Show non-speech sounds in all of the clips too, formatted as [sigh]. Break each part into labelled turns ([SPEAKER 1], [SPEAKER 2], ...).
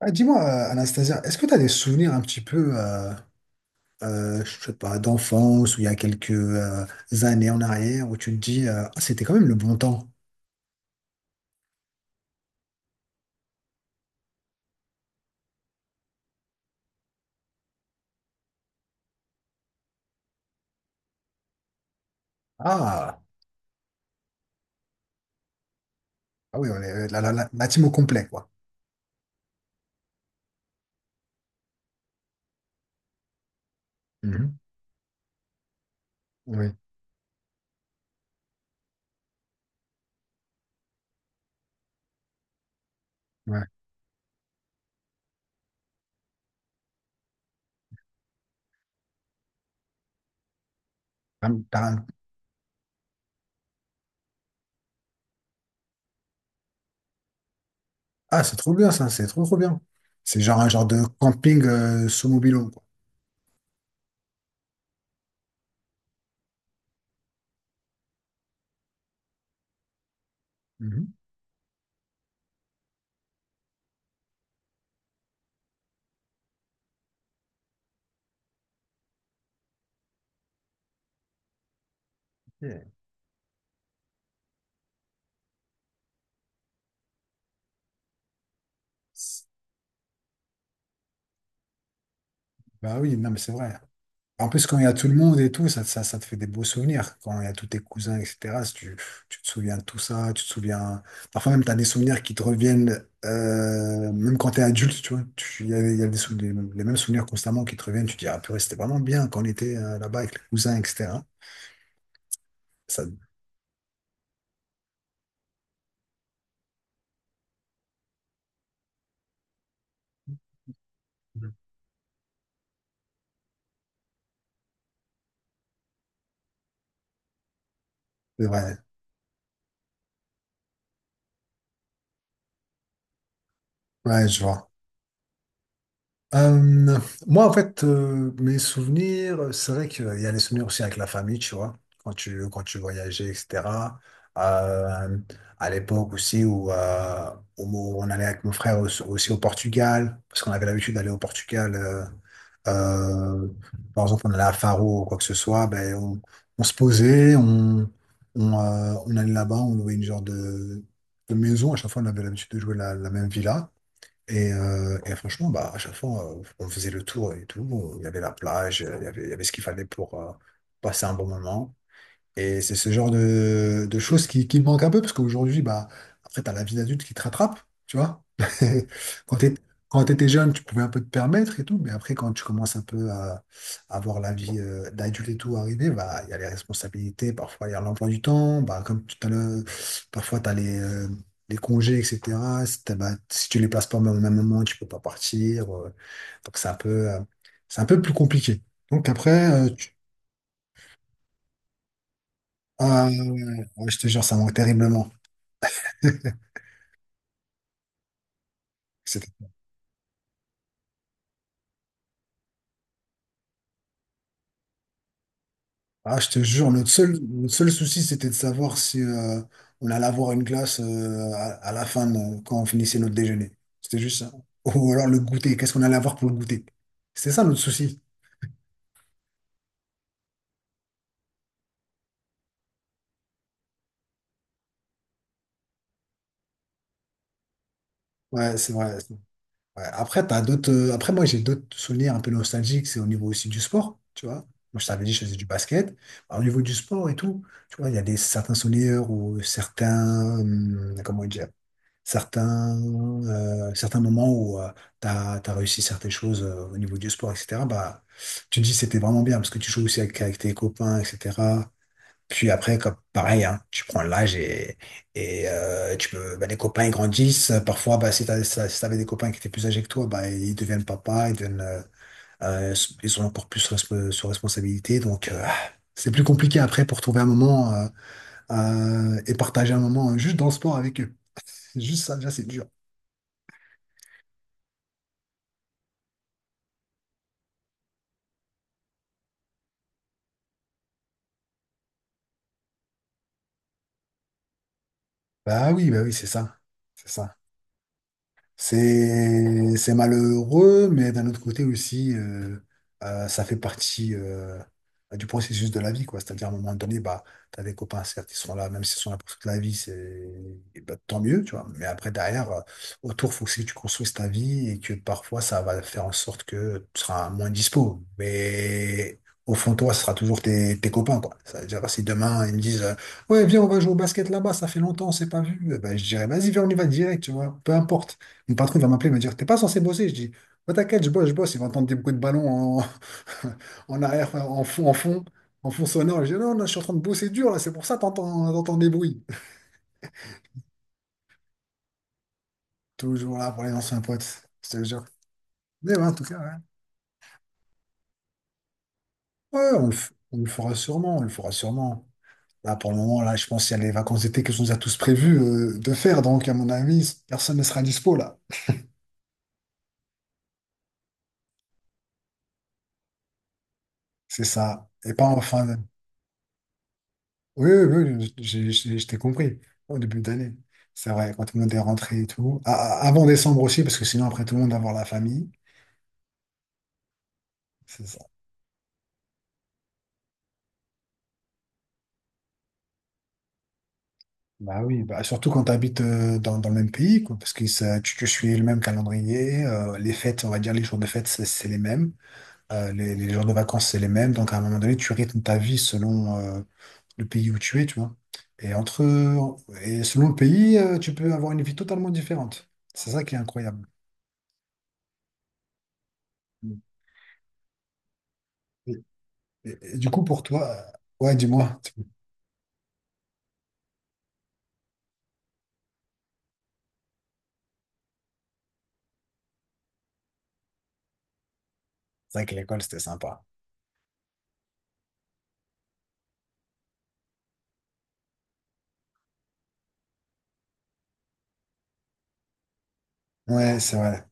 [SPEAKER 1] Ah, dis-moi, Anastasia, est-ce que tu as des souvenirs un petit peu, je sais pas, d'enfance ou il y a quelques années en arrière où tu te dis, ah, c'était quand même le bon temps. Ah, ah oui, on est la team au complet, quoi. Mhm. Oui, ouais. Ah, ah, c'est trop bien ça, c'est trop trop bien. C'est genre un genre de camping sous mobile quoi. Mhm. Yeah. Bah oui, non mais c'est vrai. En plus, quand il y a tout le monde et tout, ça te fait des beaux souvenirs. Quand il y a tous tes cousins, etc., si tu, tu te souviens de tout ça, tu te souviens. Parfois même, tu as des souvenirs qui te reviennent, même quand tu es adulte, tu vois. Il y a les mêmes souvenirs constamment qui te reviennent. Tu te dis, ah purée, c'était vraiment bien quand on était là-bas avec les cousins, etc. Ça, c'est vrai. Ouais, je vois. Euh, moi, en fait, mes souvenirs, c'est vrai qu'il y a les souvenirs aussi avec la famille, tu vois, quand tu voyageais, etc. Euh, à l'époque aussi où on allait avec mon frère aussi, aussi au Portugal, parce qu'on avait l'habitude d'aller au Portugal. Euh, par exemple, on allait à Faro ou quoi que ce soit, ben, on se posait, on allait là-bas, on louait une genre de maison. À chaque fois, on avait l'habitude de jouer la même villa. Et franchement, bah, à chaque fois, on faisait le tour et tout. Il y avait la plage, il y avait ce qu'il fallait pour passer un bon moment. Et c'est ce genre de choses qui me manquent un peu, parce qu'aujourd'hui, bah, après, t'as la vie d'adulte qui te rattrape, tu vois. [laughs] Quand t'es, quand t'étais jeune, tu pouvais un peu te permettre et tout, mais après, quand tu commences un peu à voir la vie d'adulte et tout arriver, bah, il y a les responsabilités, parfois il y a l'emploi du temps, bah, comme tout à l'heure, parfois t'as les congés, etc. Si, t'as- Bah, si tu les places pas au même même moment, tu peux pas partir. Donc c'est un peu plus compliqué. Donc après, ah, ouais, ouais, ouais, je te jure, ça manque terriblement. C'était- Ah, je te jure, notre seul souci, c'était de savoir si on allait avoir une glace à la fin, quand on finissait notre déjeuner. C'était juste ça. Ou alors le goûter, qu'est-ce qu'on allait avoir pour le goûter? C'était ça notre souci. Ouais, c'est vrai. Ouais, après, t'as d'autres. Après, moi, j'ai d'autres souvenirs un peu nostalgiques. C'est au niveau aussi du sport, tu vois. Moi, je t'avais dit, je faisais du basket. Alors, au niveau du sport et tout, tu vois, il y a des certains souvenirs ou certains, comment dire, certains, certains moments où t'as tu as réussi certaines choses au niveau du sport, etc. Bah, tu te dis, c'était vraiment bien parce que tu joues aussi avec tes copains, etc. Puis après, comme pareil, hein, tu prends l'âge et tu peux, bah, les copains ils grandissent. Parfois, bah, si si t'avais des copains qui étaient plus âgés que toi, bah, ils deviennent papa, euh, ils ont encore plus resp- sur responsabilité. Donc, c'est plus compliqué après pour trouver un moment et partager un moment juste dans le sport avec eux. C'est juste ça, déjà, c'est dur. Bah oui, c'est ça. C'est ça. C'est malheureux, mais d'un autre côté aussi, ça fait partie du processus de la vie, quoi. C'est-à-dire, à un moment donné, bah, tu as des copains, certes, ils sont là, même s'ils sont là pour toute la vie, c'est et bah, tant mieux, tu vois. Mais après, derrière, autour, faut aussi que tu construises ta vie et que parfois, ça va faire en sorte que tu seras moins dispo. Mais au fond, de toi, ce sera toujours tes copains, quoi. Ça veut dire, si demain, ils me disent, ouais, viens, on va jouer au basket là-bas, ça fait longtemps, on s'est pas vu, eh ben, je dirais, vas-y, viens, on y va direct, tu vois, peu importe. Mon patron va m'appeler, il me dire, t'es pas censé bosser. Je dis, bah, t'inquiète, je bosse, je bosse. Il va entendre des bruits de ballon en, [laughs] en arrière, en fond sonore. Je dis, non, non, je suis en train de bosser dur là, c'est pour ça que t'entends, t'entends des bruits. Toujours là pour les anciens potes, je te le jure. Mais ouais, en tout cas, ouais. Ouais, on le fera sûrement, on le fera sûrement. Là, pour le moment, là, je pense qu'il y a les vacances d'été que je nous a tous prévu de faire. Donc, à mon avis, personne ne sera dispo là. C'est ça. Et pas en fin. Oui, oui, oui, oui, je t'ai compris au début d'année. C'est vrai, quand tout le monde est rentré et tout. Avant décembre aussi, parce que sinon, après, tout le monde va voir la famille. C'est ça. Bah oui, bah, surtout quand tu habites dans le même pays, quoi, parce que tu suis le même calendrier. Les fêtes, on va dire, les jours de fête, c'est les mêmes. Les jours de vacances, c'est les mêmes. Donc, à un moment donné, tu rythmes ta vie selon le pays où tu es, tu vois. Et, entre, et selon le pays, tu peux avoir une vie totalement différente. C'est ça qui est incroyable. Et du coup, pour toi, ouais, dis-moi. C'est vrai que l'école, c'était sympa. Ouais, c'est vrai.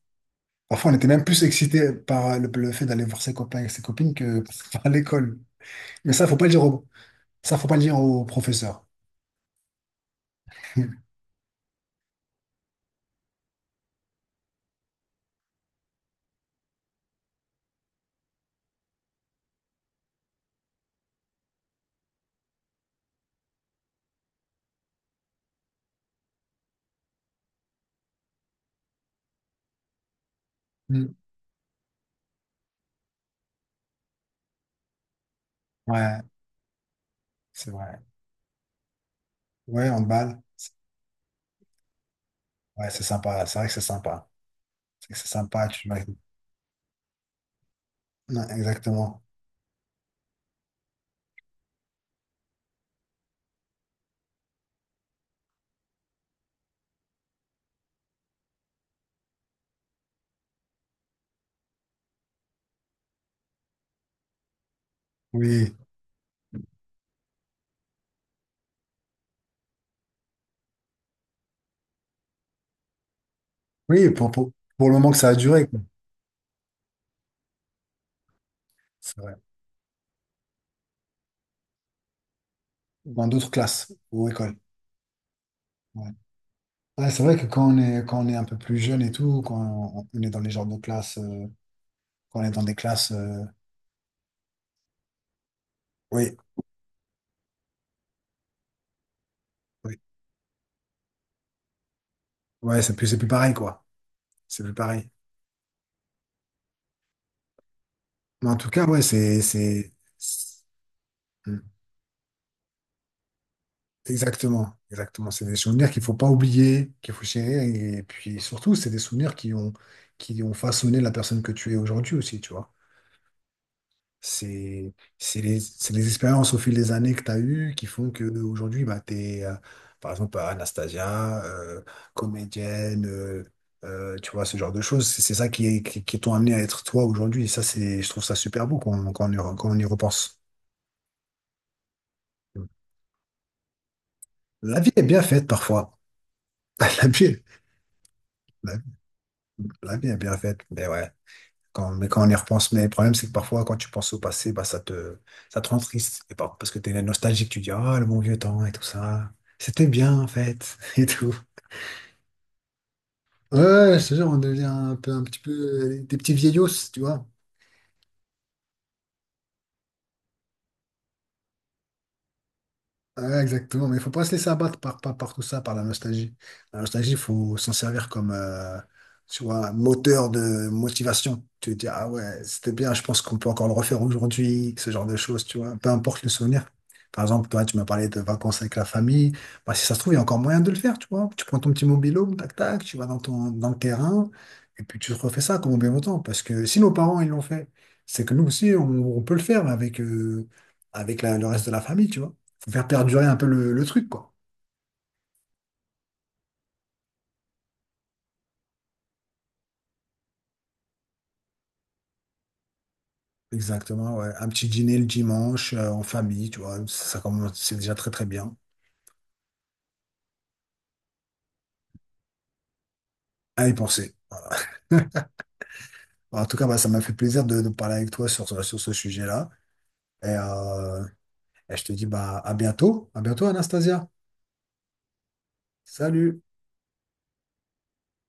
[SPEAKER 1] Parfois, on était même plus excité par le fait d'aller voir ses copains et ses copines que [laughs] par l'école. Mais ça, faut pas le dire au, ça, faut pas le dire aux professeurs. Mm. Ouais, c'est vrai. Ouais, on balle. Ouais, c'est sympa. C'est vrai que c'est sympa. C'est que c'est sympa. Tu, ouais. Ouais, exactement. Oui. Oui, pour le moment que ça a duré, quoi. C'est vrai. Dans d'autres classes ou écoles. Ouais. Ouais, c'est vrai que quand on est un peu plus jeune et tout, on est dans les genres de classes, quand on est dans des classes, oui, oui, ouais, c'est plus pareil, quoi. C'est plus pareil. Mais en tout cas, ouais, c'est- hmm, exactement, exactement. C'est des souvenirs qu'il faut pas oublier, qu'il faut chérir. Et puis surtout, c'est des souvenirs qui ont façonné la personne que tu es aujourd'hui aussi, tu vois. C'est les expériences au fil des années que tu as eues qui font que aujourd'hui bah, tu es, par exemple, Anastasia, comédienne, tu vois, ce genre de choses. C'est ça qui t'ont amené à être toi aujourd'hui. Et ça, c'est, je trouve ça super beau quand on y repense. La vie est bien faite parfois. [laughs] La vie, la, la vie est bien faite. Mais ouais. Quand, mais quand on y repense, mais le problème, c'est que parfois, quand tu penses au passé, bah, ça te rend triste. Et pas parce que t'es nostalgique, tu dis, ah, le bon vieux temps et tout ça. C'était bien, en fait, [laughs] et tout. Ouais, ouais, je te jure, on devient un petit peu des petits vieillots, tu vois. Ouais, exactement, mais il faut pas se laisser abattre par tout ça, par la nostalgie. La nostalgie, il faut s'en servir comme tu vois, moteur de motivation. Tu te dis, ah ouais, c'était bien, je pense qu'on peut encore le refaire aujourd'hui, ce genre de choses, tu vois, peu importe le souvenir. Par exemple, toi, tu m'as parlé de vacances avec la famille. Bah, si ça se trouve, il y a encore moyen de le faire, tu vois. Tu prends ton petit mobilo, tac, tac, tu vas dans le terrain, et puis tu refais ça comme bien longtemps. Parce que si nos parents, ils l'ont fait, c'est que nous aussi, on peut le faire avec, avec le reste de la famille, tu vois faut faire perdurer un peu le truc, quoi. Exactement, ouais. Un petit dîner le dimanche, en famille, tu vois, ça commence, c'est déjà très très bien. À y penser. Voilà. [laughs] En tout cas, bah, ça m'a fait plaisir de parler avec toi sur ce sujet-là. Et, euh, et je te dis bah, à bientôt. À bientôt, Anastasia. Salut.